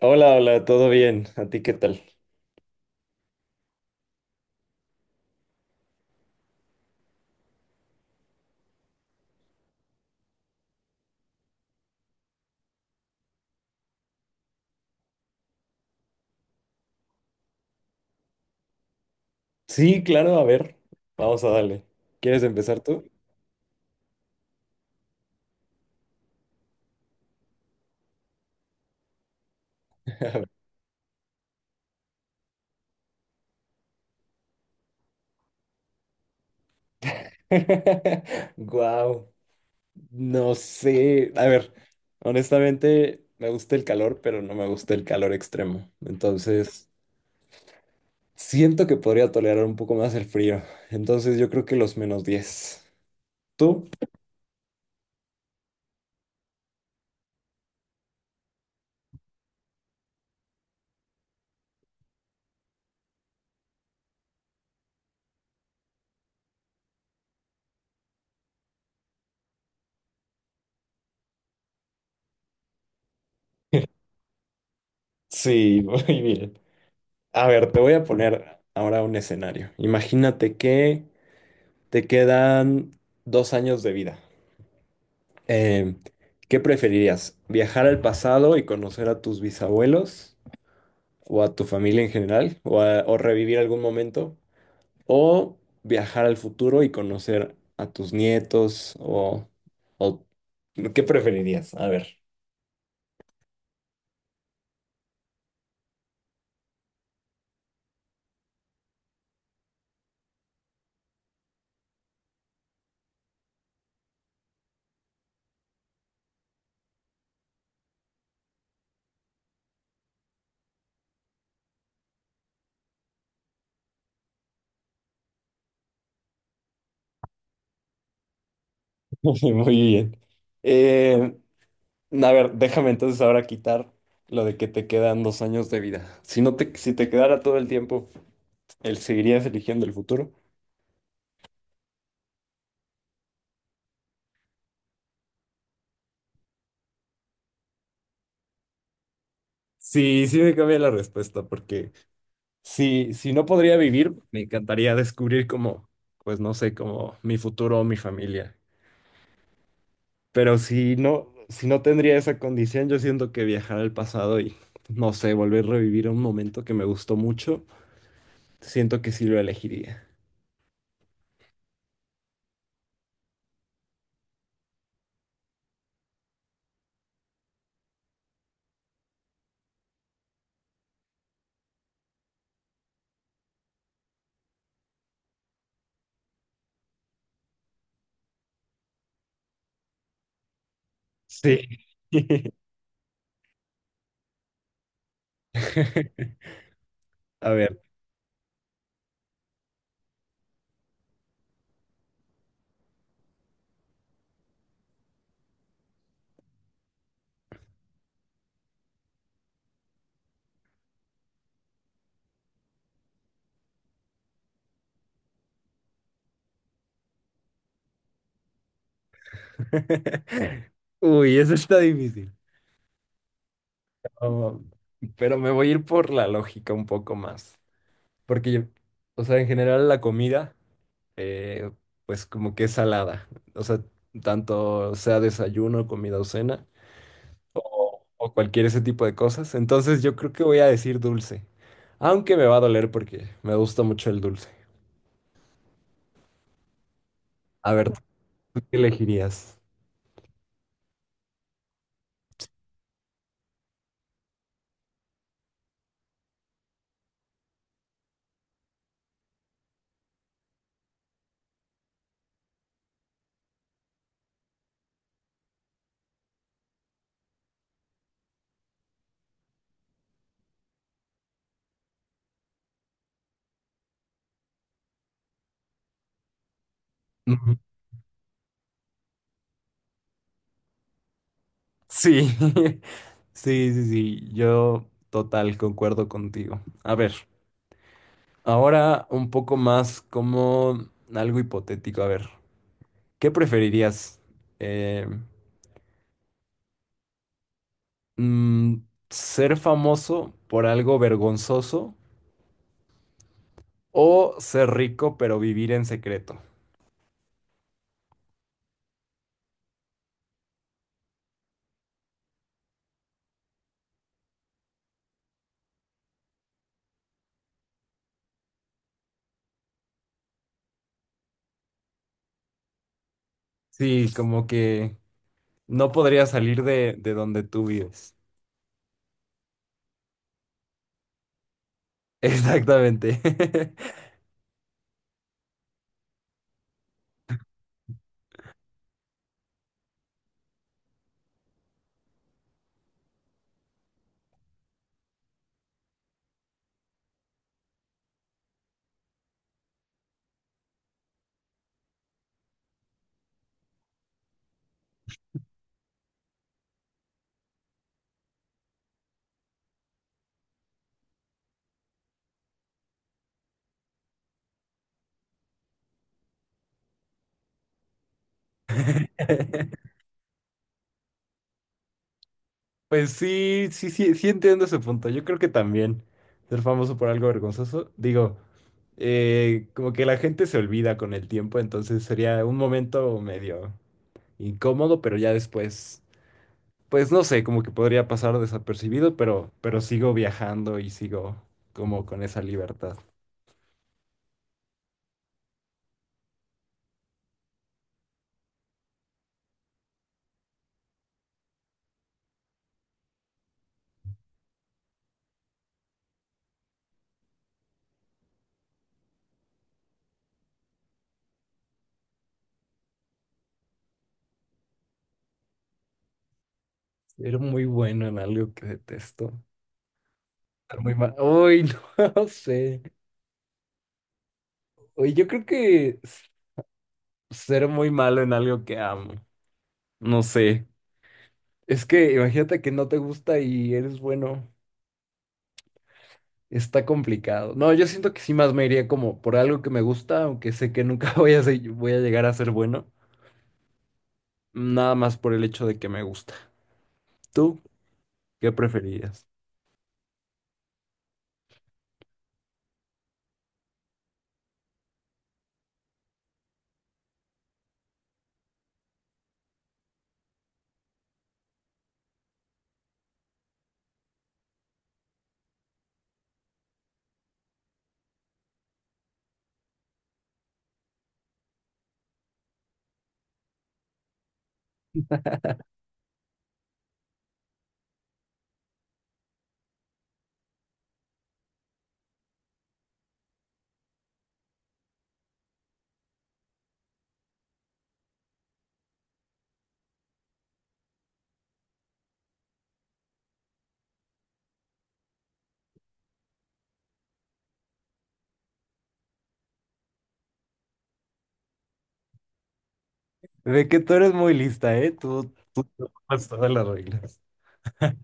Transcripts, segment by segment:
Hola, hola, ¿todo bien? ¿A ti qué tal? Sí, claro, a ver, vamos a darle. ¿Quieres empezar tú? Wow, no sé. A ver, honestamente me gusta el calor, pero no me gusta el calor extremo. Entonces, siento que podría tolerar un poco más el frío. Entonces, yo creo que los -10. ¿Tú? Sí, muy bien. A ver, te voy a poner ahora un escenario. Imagínate que te quedan 2 años de vida. Eh, ¿Qué preferirías? ¿Viajar al pasado y conocer a tus bisabuelos o a tu familia en general o revivir algún momento? ¿O viajar al futuro y conocer a tus nietos o- ¿qué preferirías? A ver. Muy bien. Eh, a ver, déjame entonces ahora quitar lo de que te quedan 2 años de vida. Si te quedara todo el tiempo, ¿el seguirías eligiendo el futuro? Sí, sí me cambia la respuesta porque si no podría vivir, me encantaría descubrir como, pues no sé, como mi futuro o mi familia. Pero si no tendría esa condición, yo siento que viajar al pasado y, no sé, volver a revivir un momento que me gustó mucho, siento que sí lo elegiría. Sí. A ver. Uy, eso está difícil. Oh, pero me voy a ir por la lógica un poco más. Porque yo, o sea, en general la comida. eh, pues como que es salada. O sea, tanto sea desayuno, comida o cena, o cualquier ese tipo de cosas. Entonces yo creo que voy a decir dulce, aunque me va a doler porque me gusta mucho el dulce. A ver, ¿tú qué elegirías? Ujú. Sí, sí, sí, sí, yo total, concuerdo contigo. A ver, ahora un poco más como algo hipotético. A ver, ¿qué preferirías? Eh, Mm, ¿Ser famoso por algo vergonzoso o ser rico pero vivir en secreto? Sí, como que no podría salir de donde tú vives. Exactamente. Pues sí, sí, sí, sí entiendo ese punto. Yo creo que también ser famoso por algo vergonzoso, digo, como que la gente se olvida con el tiempo, entonces sería un momento medio incómodo, pero ya después pues no sé, como que podría pasar desapercibido, pero sigo viajando y sigo como con esa libertad. Era muy bueno en algo que detesto. Ser muy malo, Uy, no sé. Uy, yo creo que ser muy malo en algo que amo. No sé. Es que imagínate que no te gusta y eres bueno. Está complicado. No, yo siento que sí más me iría como por algo que me gusta, aunque sé que nunca voy a llegar a ser bueno. Nada más por el hecho de que me gusta. ¿Tú qué preferirías? De que tú eres muy lista, ¿eh? Tú te tomas todas las reglas.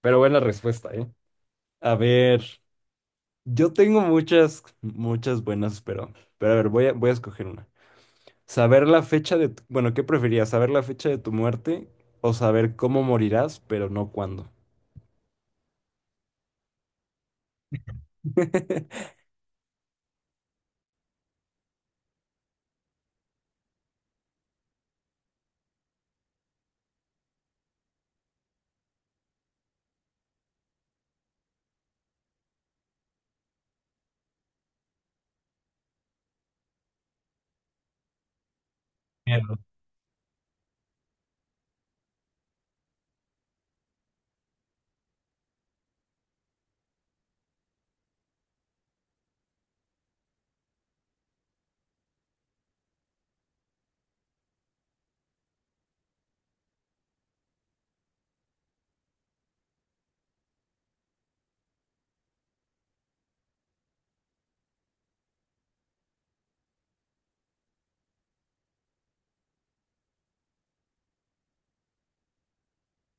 Pero buena respuesta, ¿eh? A ver, yo tengo muchas, muchas buenas, pero a ver, voy a escoger una. Saber la fecha de, tu- bueno, ¿Qué preferías? ¿Saber la fecha de tu muerte o saber cómo morirás, pero no cuándo? Miedo.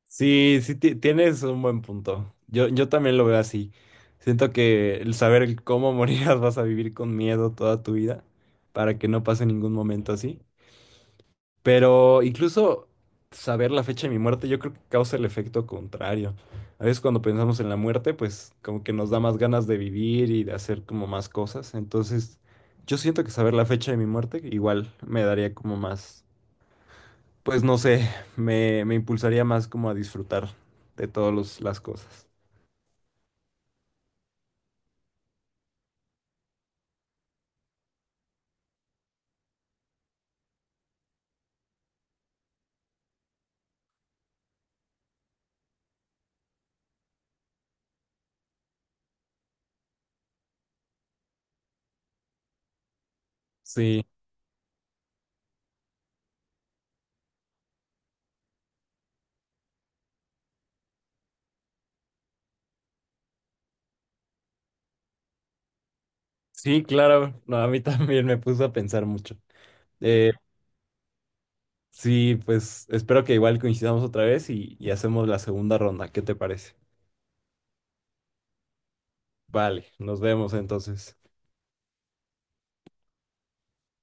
Sí, sí, tienes un buen punto. Yo también lo veo así. Siento que el saber el cómo morirás vas a vivir con miedo toda tu vida para que no pase ningún momento así. Pero incluso saber la fecha de mi muerte, yo creo que causa el efecto contrario. A veces cuando pensamos en la muerte, pues como que nos da más ganas de vivir y de hacer como más cosas. Entonces, yo siento que saber la fecha de mi muerte igual me daría como más, pues no sé, me impulsaría más como a disfrutar de todas las cosas. Sí, sí, claro. No, a mí también me puso a pensar mucho. Eh, sí, pues espero que igual coincidamos otra vez y hacemos la segunda ronda. ¿Qué te parece? Vale, nos vemos entonces.